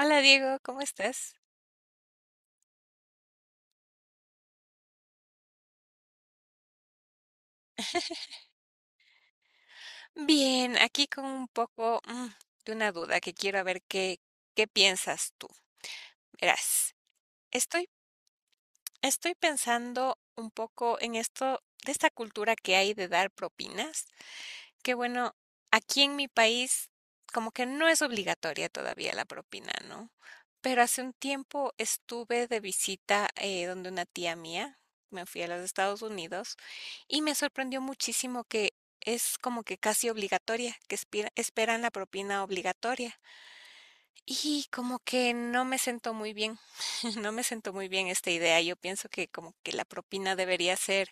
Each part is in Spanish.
Hola Diego, ¿cómo estás? Bien, aquí con un poco de una duda que quiero a ver qué piensas tú. Verás, estoy, estoy pensando un poco en esto de esta cultura que hay de dar propinas. Que bueno, aquí en mi país como que no es obligatoria todavía la propina, ¿no? Pero hace un tiempo estuve de visita donde una tía mía, me fui a los Estados Unidos y me sorprendió muchísimo que es como que casi obligatoria, que esperan la propina obligatoria. Y como que no me sentó muy bien, no me sentó muy bien esta idea. Yo pienso que como que la propina debería ser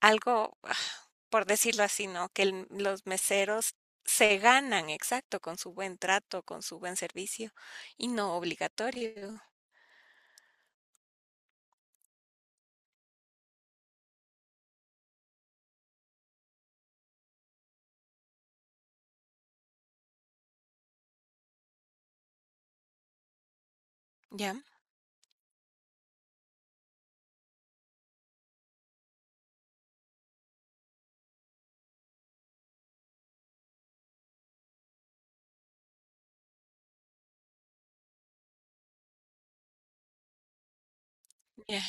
algo, por decirlo así, ¿no? Que el los meseros se ganan, exacto, con su buen trato, con su buen servicio, y no obligatorio. Ya, ya.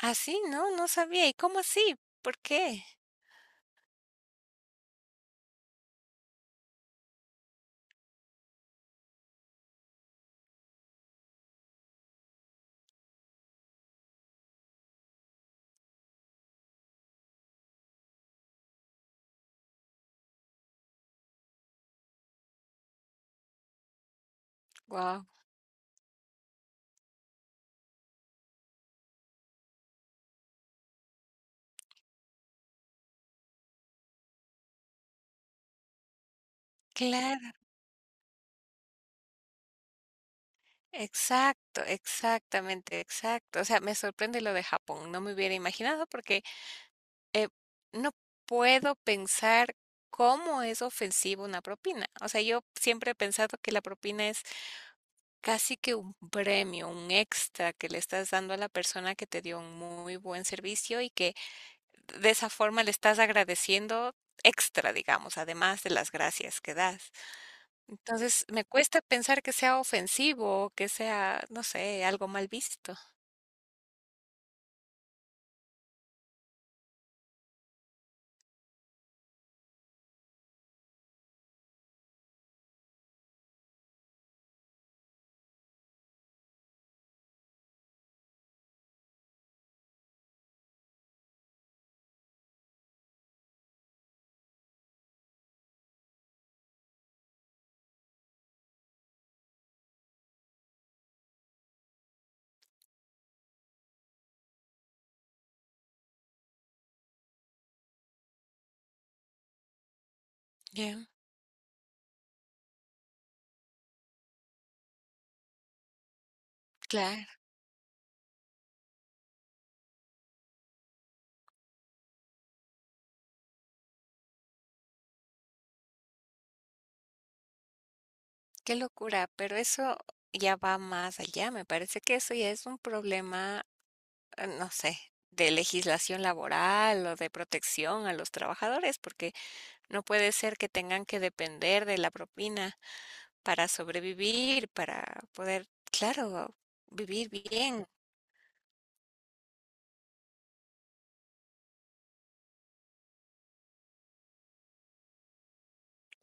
Así. No, no sabía. ¿Y cómo así? ¿Por qué? Guau. Claro, exacto, exactamente, exacto. O sea, me sorprende lo de Japón. No me hubiera imaginado porque, eh, no puedo pensar cómo es ofensivo una propina. O sea, yo siempre he pensado que la propina es casi que un premio, un extra que le estás dando a la persona que te dio un muy buen servicio y que de esa forma le estás agradeciendo extra, digamos, además de las gracias que das. Entonces, me cuesta pensar que sea ofensivo, que sea, no sé, algo mal visto. Bien, claro, qué locura, pero eso ya va más allá. Me parece que eso ya es un problema, no sé, de legislación laboral o de protección a los trabajadores, porque no puede ser que tengan que depender de la propina para sobrevivir, para poder, claro, vivir bien.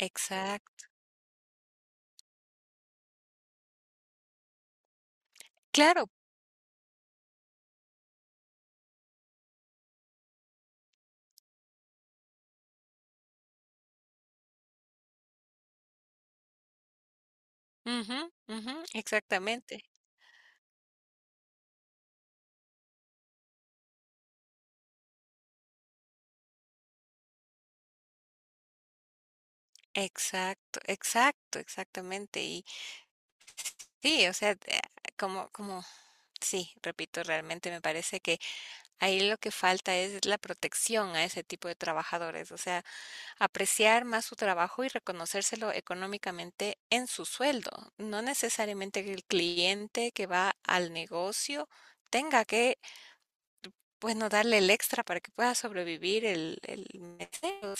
Exacto. Claro. Ujú, ujú, exactamente. Exacto, exacto, exactamente. Y sí, o sea, como, sí, repito, realmente me parece que ahí lo que falta es la protección a ese tipo de trabajadores. O sea, apreciar más su trabajo y reconocérselo económicamente en su sueldo. No necesariamente que el cliente que va al negocio tenga que, bueno, darle el extra para que pueda sobrevivir el mesero.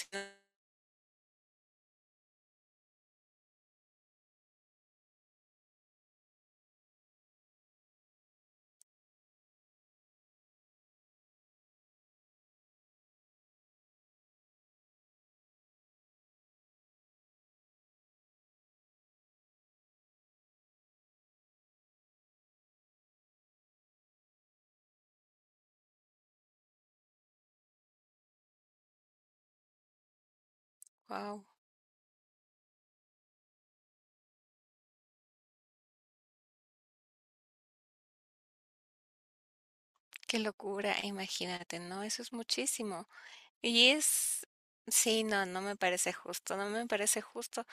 Wow, qué locura, imagínate, ¿no? Eso es muchísimo. Y es, sí, no, no me parece justo, no me parece justo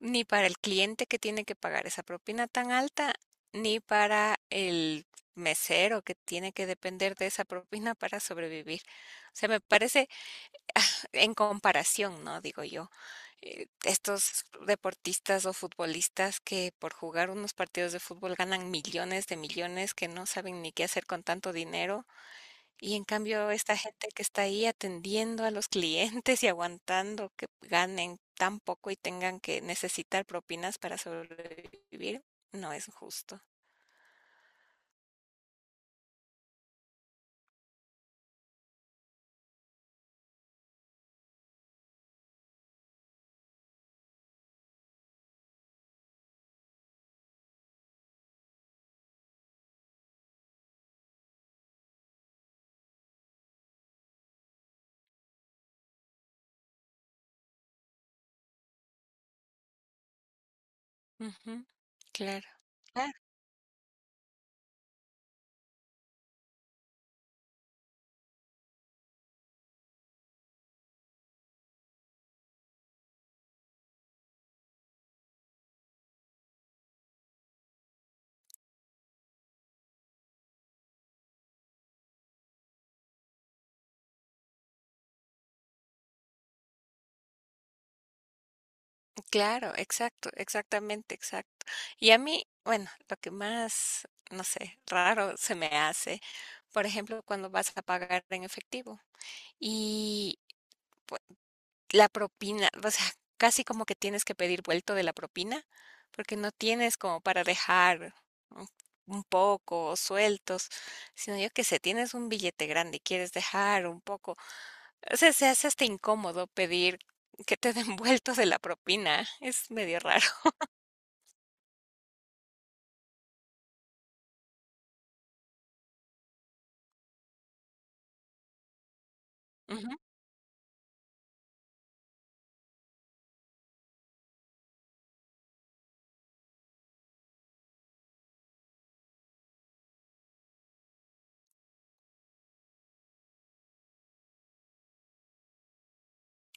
ni para el cliente que tiene que pagar esa propina tan alta, ni para el mesero que tiene que depender de esa propina para sobrevivir. O sea, me parece en comparación, ¿no? Digo yo, estos deportistas o futbolistas que por jugar unos partidos de fútbol ganan millones de millones, que no saben ni qué hacer con tanto dinero y en cambio, esta gente que está ahí atendiendo a los clientes y aguantando que ganen tan poco y tengan que necesitar propinas para sobrevivir, no es justo. Ujú. Claro. Ah, claro. Exacto, exactamente, exacto. Y a mí, bueno, lo que más, no sé, raro se me hace, por ejemplo, cuando vas a pagar en efectivo. Y pues, la propina, o sea, casi como que tienes que pedir vuelto de la propina, porque no tienes como para dejar un un poco o sueltos, sino yo que sé, tienes un billete grande y quieres dejar un poco. O sea, se hace hasta incómodo pedir que te den vuelto de la propina. Es medio raro. Ujú.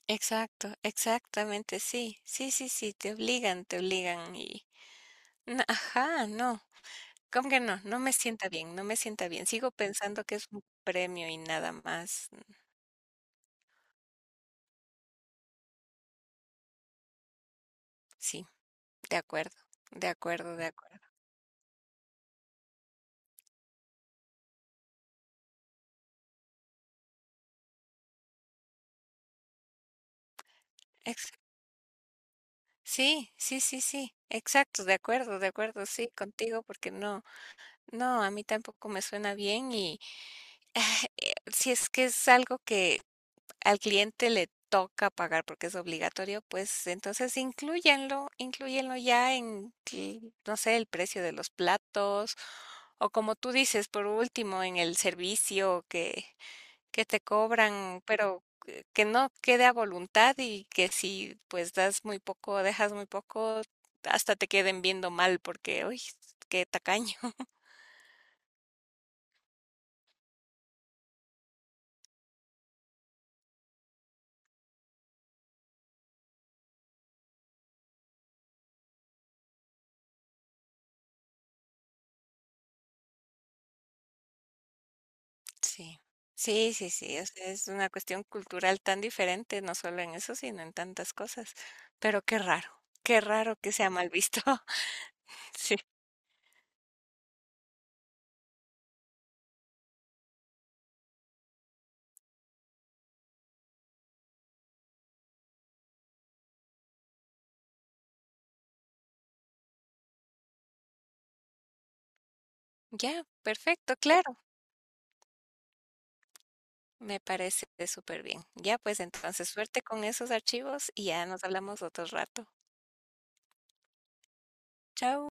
Exacto, exactamente, sí. Sí, sí, sí, te obligan y... no, ajá, no. ¿Cómo que no? No me sienta bien, no me sienta bien. Sigo pensando que es un premio y nada más. Mm. Sí, de acuerdo, de acuerdo, de acuerdo. Ex Sí, sí, sí, sí, exacto, de acuerdo, sí, contigo, porque no, no, a mí tampoco me suena bien y, ah, si es que es algo que al cliente le toca pagar porque es obligatorio, pues entonces inclúyenlo ya en, que, no sé, el precio de los platos o como tú dices, por último, en el servicio que te cobran, pero que no quede a voluntad y que si pues das muy poco, dejas muy poco, hasta te queden viendo mal porque, uy, qué tacaño. Sí. Sí, sí, sí, o sea, es una cuestión cultural tan diferente, no solo en eso, sino en tantas cosas. Pero qué raro que sea mal visto. Sí. Ya, perfecto, claro, me parece súper bien. Ya, pues entonces suerte con esos archivos y ya nos hablamos otro rato. Chao.